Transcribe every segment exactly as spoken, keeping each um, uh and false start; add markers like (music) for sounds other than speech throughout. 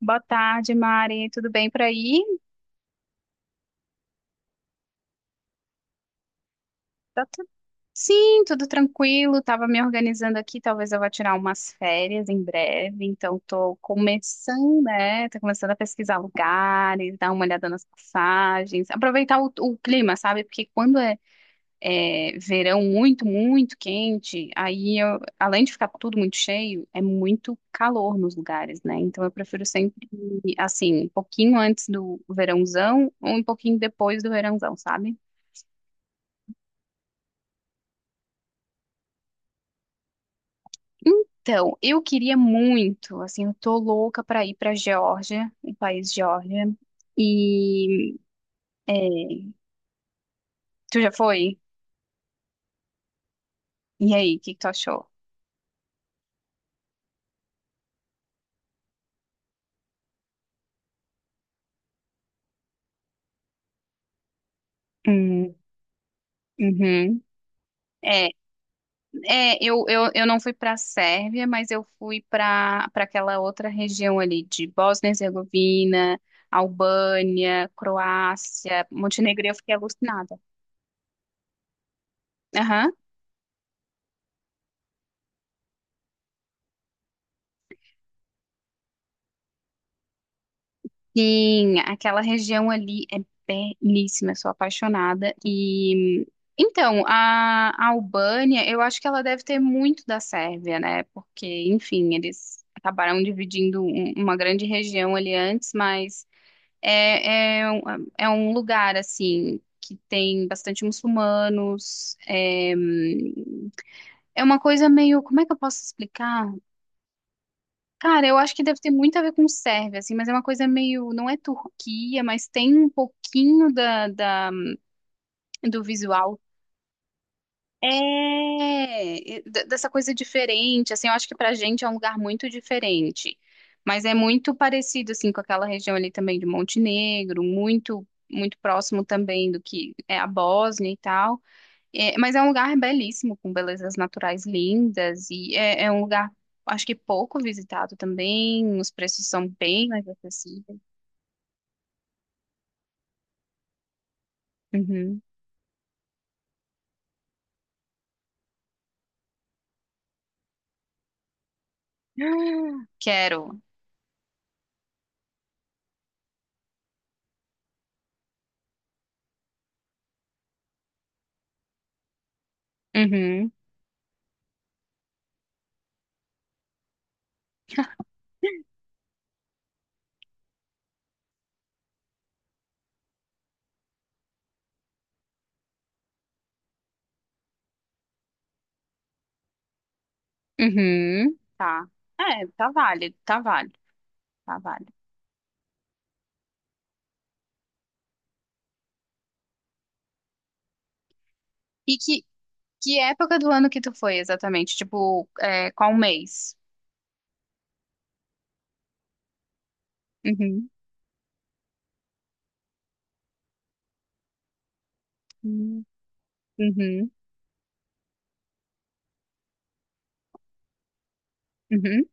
Boa tarde, Mari. Tudo bem por aí? Tá tu- Sim, tudo tranquilo. Tava me organizando aqui. Talvez eu vá tirar umas férias em breve. Então, tô começando, né? Tô começando a pesquisar lugares, dar uma olhada nas passagens, aproveitar o, o clima, sabe? Porque quando é é, verão muito, muito quente, aí eu- além de ficar tudo muito cheio, é muito calor nos lugares, né? Então eu prefiro sempre ir, assim, um pouquinho antes do verãozão ou um pouquinho depois do verãozão, sabe? Então, eu queria muito, assim, eu tô louca pra ir pra Geórgia, o país Geórgia. E é, Tu já foi? E aí, o que que tu achou? Hum, uhum. É, eu, eu, eu não fui para a Sérvia, mas eu fui para para aquela outra região ali de Bósnia e Herzegovina, Albânia, Croácia, Montenegro, eu fiquei alucinada. Aham. Sim, aquela região ali é belíssima, eu sou apaixonada. E então, a, a Albânia, eu acho que ela deve ter muito da Sérvia, né? Porque, enfim, eles acabaram dividindo um- uma grande região ali antes, mas É, é, um- é um lugar, assim, que tem bastante muçulmanos. É, hum, é uma coisa meio. Como é que eu posso explicar? Cara, eu acho que deve ter muito a ver com Sérvia, assim, mas é uma coisa meio. Não é Turquia, mas tem um pouquinho da, da- do visual. É, e d- dessa coisa diferente, assim, eu acho que pra gente é um lugar muito diferente, mas é muito parecido, assim, com aquela região ali também de Montenegro, muito, muito próximo também do que é a Bósnia e tal. É, mas é um lugar belíssimo, com belezas naturais lindas, e é, é um lugar, acho que pouco visitado também, os preços são bem mais acessíveis. Uhum. (gasps) Quero. Uhum. Uhum, tá. É, tá válido, tá válido. Tá, vale. E que, que época do ano que tu foi exatamente? Tipo, é, qual mês? Uhum. Uhum. Uhum. Uhum.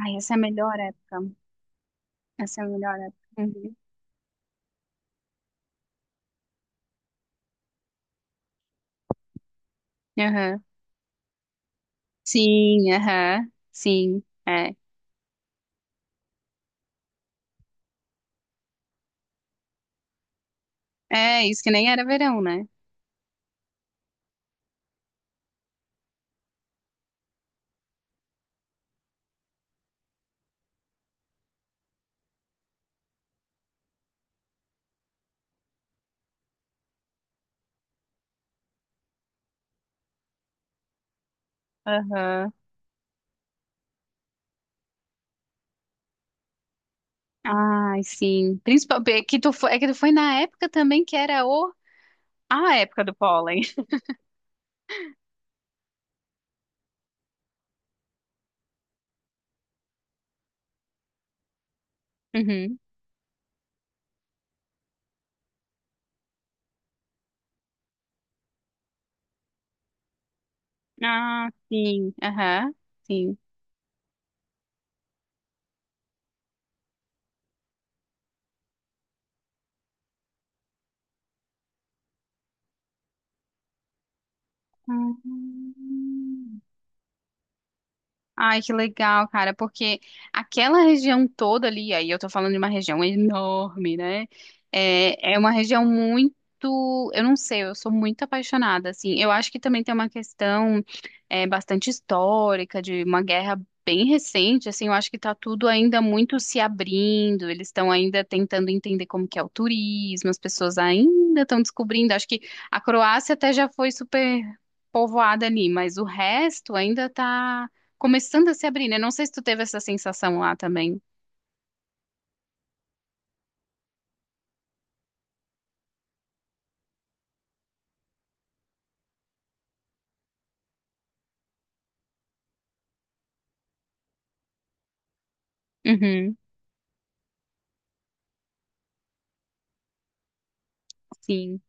Ai, essa é a melhor época. Essa é a melhor época. Uhum. Aham. Sim, aham. Sim, é. É, isso que nem era verão, né? Aham. Ai, sim. Principalmente é que tu foi, é que tu foi na época também que era o a época do pólen. (laughs) Uhum. Ah, sim, aham. Sim. Ah. Ai, que legal, cara, porque aquela região toda ali, aí eu tô falando de uma região enorme, né? É, é uma região muito, eu não sei, eu sou muito apaixonada, assim. Eu acho que também tem uma questão é, bastante histórica, de uma guerra bem recente, assim, eu acho que tá tudo ainda muito se abrindo, eles estão ainda tentando entender como que é o turismo, as pessoas ainda estão descobrindo, acho que a Croácia até já foi super povoada ali, mas o resto ainda tá começando a se abrir, né? Não sei se tu teve essa sensação lá também. Uhum, sim.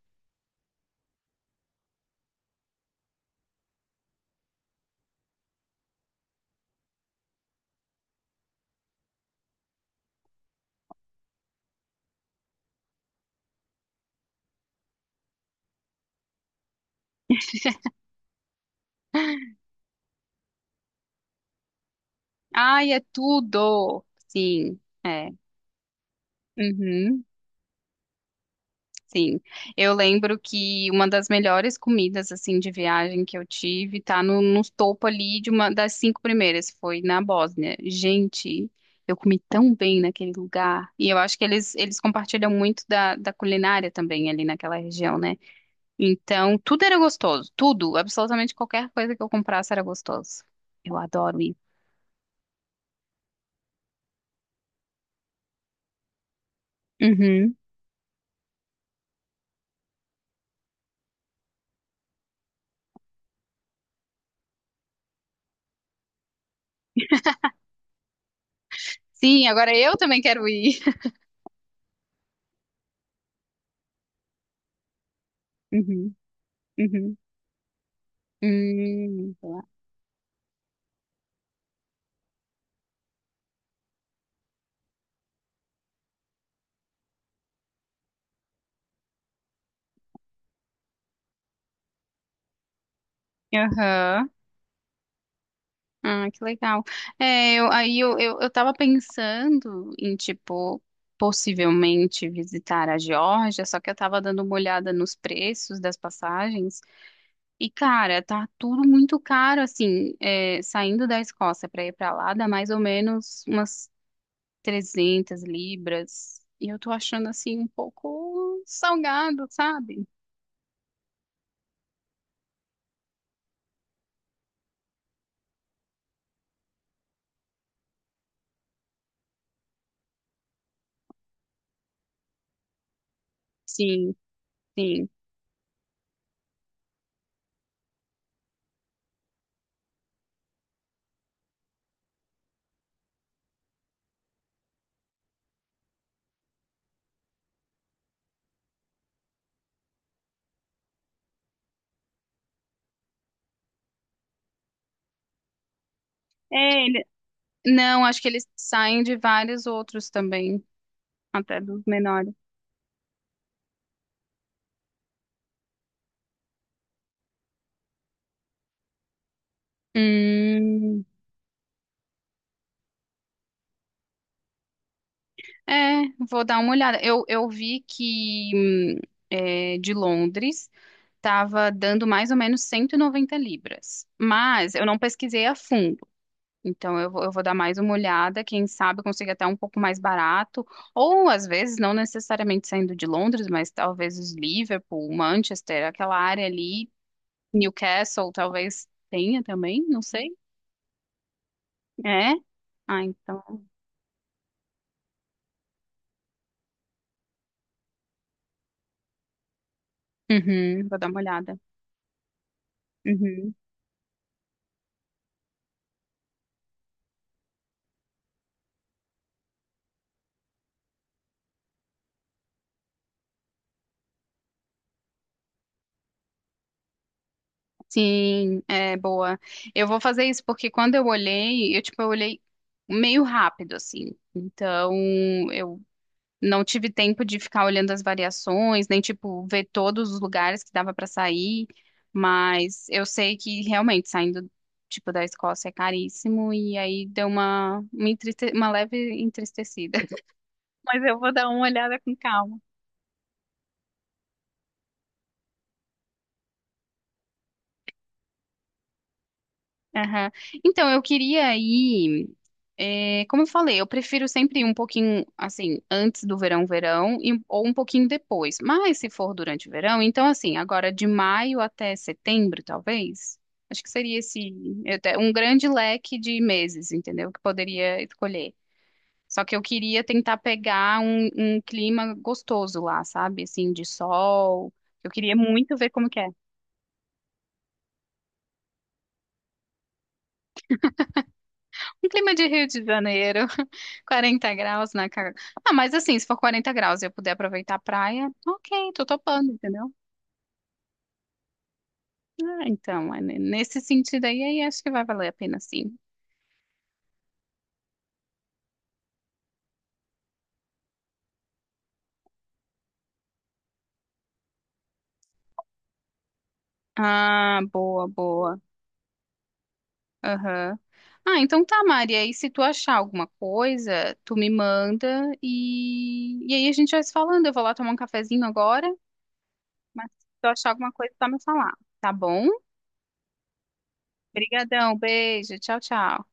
Ai, é tudo! Sim, é. Uhum, sim. Eu lembro que uma das melhores comidas, assim, de viagem que eu tive, tá no, no topo ali de uma das cinco primeiras, foi na Bósnia. Gente, eu comi tão bem naquele lugar. E eu acho que eles, eles compartilham muito da, da culinária também ali naquela região, né? Então, tudo era gostoso. Tudo, absolutamente qualquer coisa que eu comprasse era gostoso. Eu adoro ir. Uhum. Sim, agora eu também quero ir. (laughs) Uhum, uhum. Hum, sei. Aham. Ah, que legal. É, eu, aí eu, eu, eu tava pensando em, tipo, possivelmente visitar a Geórgia, só que eu tava dando uma olhada nos preços das passagens. E, cara, tá tudo muito caro, assim, é, saindo da Escócia pra ir pra lá, dá mais ou menos umas trezentas libras. E eu tô achando assim um pouco salgado, sabe? Sim, sim. É, ele... Não, acho que eles saem de vários outros também, até dos menores. Hum, é, Vou dar uma olhada. Eu, eu vi que hum, é, de Londres estava dando mais ou menos cento e noventa libras, mas eu não pesquisei a fundo. Então eu vou, eu vou dar mais uma olhada, quem sabe eu consiga até um pouco mais barato, ou às vezes não necessariamente saindo de Londres, mas talvez os Liverpool, Manchester, aquela área ali, Newcastle talvez tenha também, não sei. É? Ah, então. Uhum, vou dar uma olhada. Uhum. Sim, é boa. Eu vou fazer isso porque quando eu olhei, eu tipo, eu olhei meio rápido assim. Então, eu não tive tempo de ficar olhando as variações, nem tipo ver todos os lugares que dava para sair, mas eu sei que realmente saindo tipo da Escócia é caríssimo e aí deu uma uma, entriste- uma leve entristecida. (laughs) Mas eu vou dar uma olhada com calma. Aham. Então, eu queria ir. é, como eu falei, eu prefiro sempre ir um pouquinho assim, antes do verão, verão, e- um, ou um pouquinho depois. Mas se for durante o verão, então assim, agora de maio até setembro, talvez. Acho que seria esse até um grande leque de meses, entendeu? Que poderia escolher. Só que eu queria tentar pegar um, um clima gostoso lá, sabe? Assim, de sol. Eu queria muito ver como que é. Um clima de Rio de Janeiro, (laughs) quarenta graus na cara. Ah, mas assim, se for quarenta graus e eu puder aproveitar a praia, ok, tô topando, entendeu? Ah, então, é ne- nesse sentido aí, aí acho que vai valer a pena sim. Ah, boa, boa. Aham. Ah, então tá, Maria. E se tu achar alguma coisa, tu me manda e... e aí a gente vai se falando. Eu vou lá tomar um cafezinho agora, mas se tu achar alguma coisa, tá me falar, tá bom? Obrigadão, beijo, tchau, tchau.